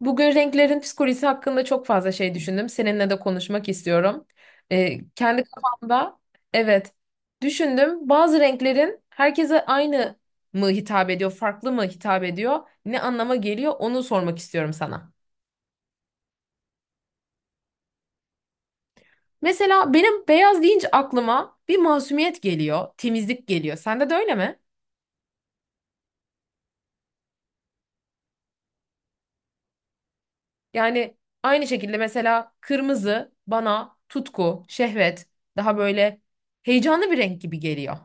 Bugün renklerin psikolojisi hakkında çok fazla şey düşündüm. Seninle de konuşmak istiyorum. Kendi kafamda evet düşündüm. Bazı renklerin herkese aynı mı hitap ediyor, farklı mı hitap ediyor, ne anlama geliyor onu sormak istiyorum sana. Mesela benim beyaz deyince aklıma bir masumiyet geliyor, temizlik geliyor. Sende de öyle mi? Yani aynı şekilde mesela kırmızı bana tutku, şehvet, daha böyle heyecanlı bir renk gibi geliyor.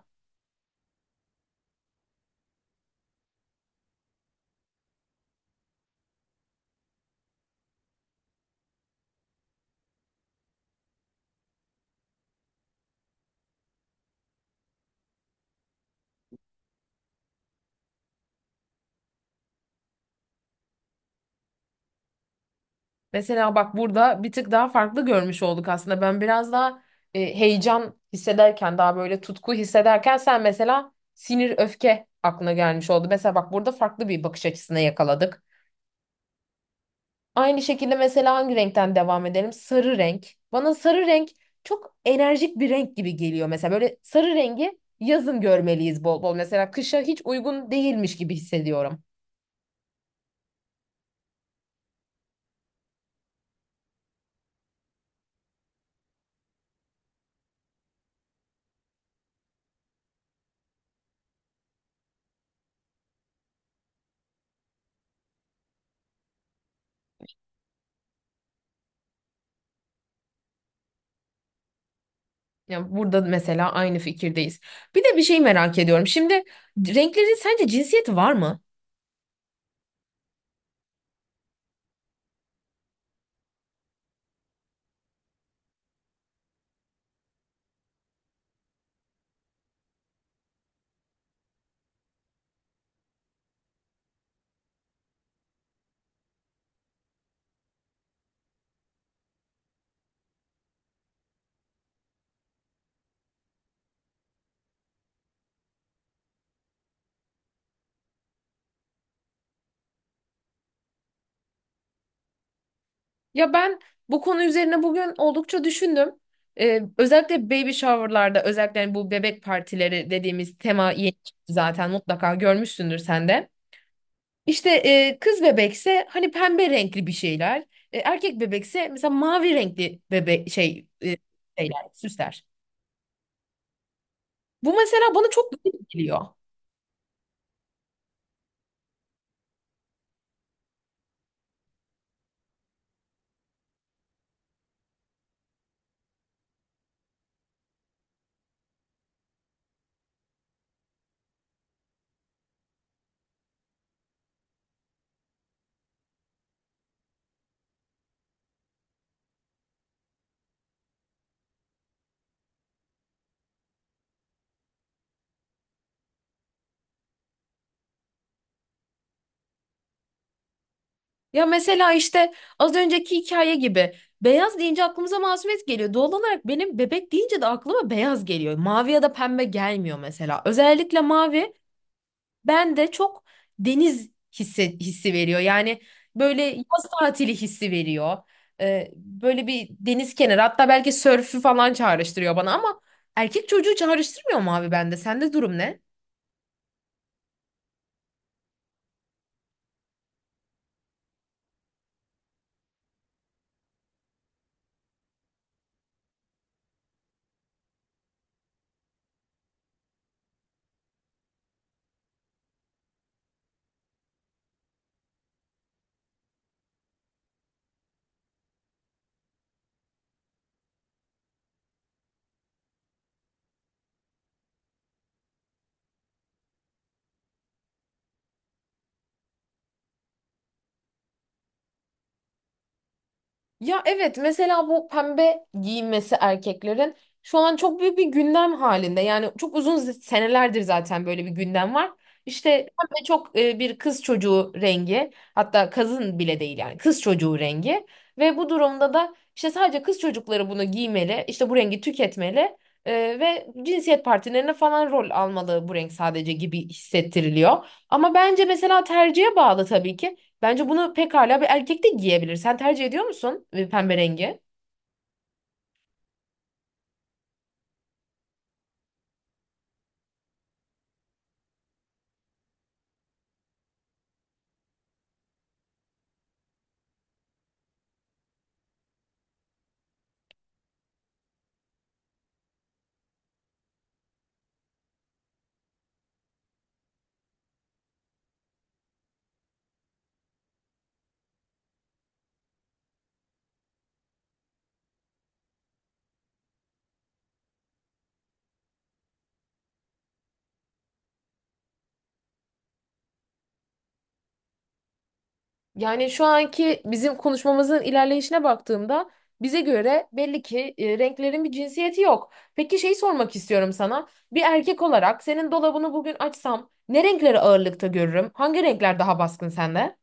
Mesela bak burada bir tık daha farklı görmüş olduk aslında. Ben biraz daha heyecan hissederken, daha böyle tutku hissederken sen mesela sinir, öfke aklına gelmiş oldu. Mesela bak burada farklı bir bakış açısına yakaladık. Aynı şekilde mesela hangi renkten devam edelim? Sarı renk. Bana sarı renk çok enerjik bir renk gibi geliyor. Mesela böyle sarı rengi yazın görmeliyiz bol bol. Mesela kışa hiç uygun değilmiş gibi hissediyorum. Ya burada mesela aynı fikirdeyiz. Bir de bir şey merak ediyorum. Şimdi renklerin sence cinsiyeti var mı? Ya ben bu konu üzerine bugün oldukça düşündüm. Özellikle baby shower'larda özellikle yani bu bebek partileri dediğimiz tema yeni çıktı zaten mutlaka görmüşsündür sen de. İşte kız bebekse hani pembe renkli bir şeyler. Erkek bebekse mesela mavi renkli bebek şeyler, süsler. Bu mesela bana çok garip geliyor. Ya mesela işte az önceki hikaye gibi beyaz deyince aklımıza masumiyet geliyor. Doğal olarak benim bebek deyince de aklıma beyaz geliyor. Mavi ya da pembe gelmiyor mesela. Özellikle mavi ben de çok deniz hissi, veriyor. Yani böyle yaz tatili hissi veriyor. Böyle bir deniz kenarı hatta belki sörfü falan çağrıştırıyor bana ama erkek çocuğu çağrıştırmıyor mu abi bende? Sende durum ne? Ya evet mesela bu pembe giyinmesi erkeklerin şu an çok büyük bir gündem halinde. Yani çok uzun senelerdir zaten böyle bir gündem var. İşte pembe çok bir kız çocuğu rengi hatta kızın bile değil yani kız çocuğu rengi. Ve bu durumda da işte sadece kız çocukları bunu giymeli işte bu rengi tüketmeli e, ve cinsiyet partilerine falan rol almalı bu renk sadece gibi hissettiriliyor. Ama bence mesela tercihe bağlı tabii ki. Bence bunu pekala bir erkek de giyebilir. Sen tercih ediyor musun pembe rengi? Yani şu anki bizim konuşmamızın ilerleyişine baktığımda bize göre belli ki renklerin bir cinsiyeti yok. Peki şeyi sormak istiyorum sana. Bir erkek olarak senin dolabını bugün açsam ne renkleri ağırlıkta görürüm? Hangi renkler daha baskın sende?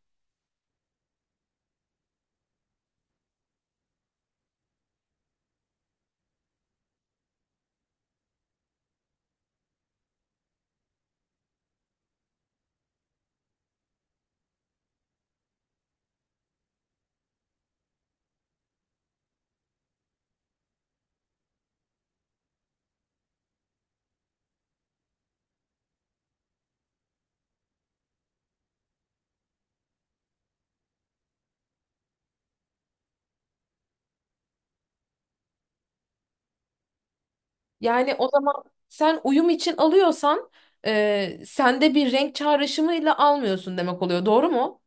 Yani o zaman sen uyum için alıyorsan sende bir renk çağrışımıyla almıyorsun demek oluyor. Doğru mu?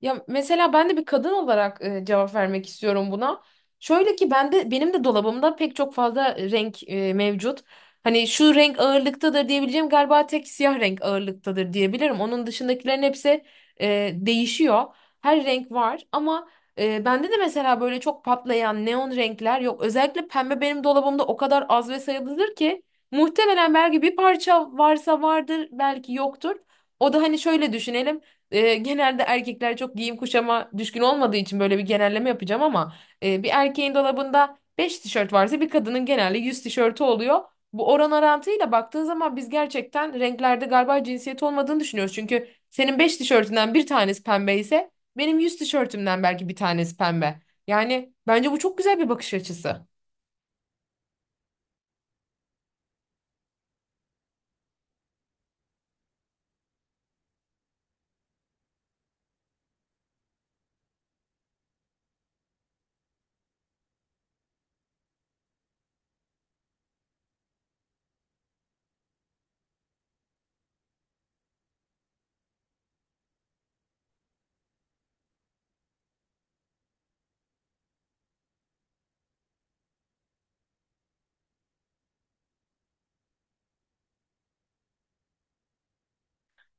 Ya mesela ben de bir kadın olarak cevap vermek istiyorum buna. Şöyle ki ben de benim de dolabımda pek çok fazla renk mevcut. Hani şu renk ağırlıktadır diyebileceğim galiba tek siyah renk ağırlıktadır diyebilirim. Onun dışındakilerin hepsi değişiyor. Her renk var ama bende de mesela böyle çok patlayan neon renkler yok. Özellikle pembe benim dolabımda o kadar az ve sayılıdır ki muhtemelen belki bir parça varsa vardır belki yoktur. O da hani şöyle düşünelim genelde erkekler çok giyim kuşama düşkün olmadığı için böyle bir genelleme yapacağım ama bir erkeğin dolabında 5 tişört varsa bir kadının genelde 100 tişörtü oluyor. Bu oran orantıyla baktığın zaman biz gerçekten renklerde galiba cinsiyet olmadığını düşünüyoruz. Çünkü senin 5 tişörtünden bir tanesi pembe ise benim 100 tişörtümden belki bir tanesi pembe. Yani bence bu çok güzel bir bakış açısı.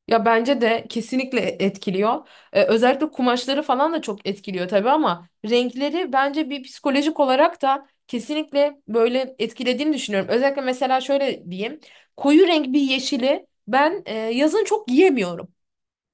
Ya bence de kesinlikle etkiliyor. Özellikle kumaşları falan da çok etkiliyor tabii ama renkleri bence bir psikolojik olarak da kesinlikle böyle etkilediğini düşünüyorum. Özellikle mesela şöyle diyeyim. Koyu renk bir yeşili ben yazın çok giyemiyorum.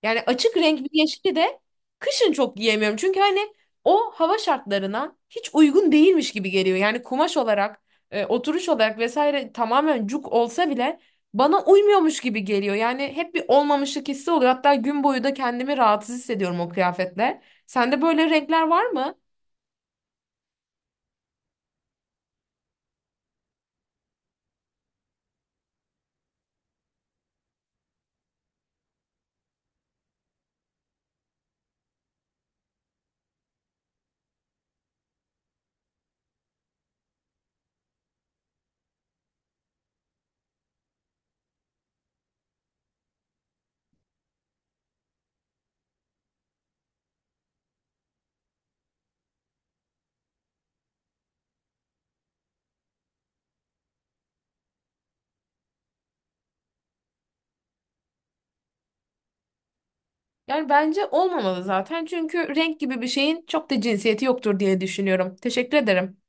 Yani açık renk bir yeşili de kışın çok giyemiyorum. Çünkü hani o hava şartlarına hiç uygun değilmiş gibi geliyor. Yani kumaş olarak, oturuş olarak vesaire tamamen cuk olsa bile bana uymuyormuş gibi geliyor. Yani hep bir olmamışlık hissi oluyor. Hatta gün boyu da kendimi rahatsız hissediyorum o kıyafetle. Sende böyle renkler var mı? Yani bence olmamalı zaten. Çünkü renk gibi bir şeyin çok da cinsiyeti yoktur diye düşünüyorum. Teşekkür ederim.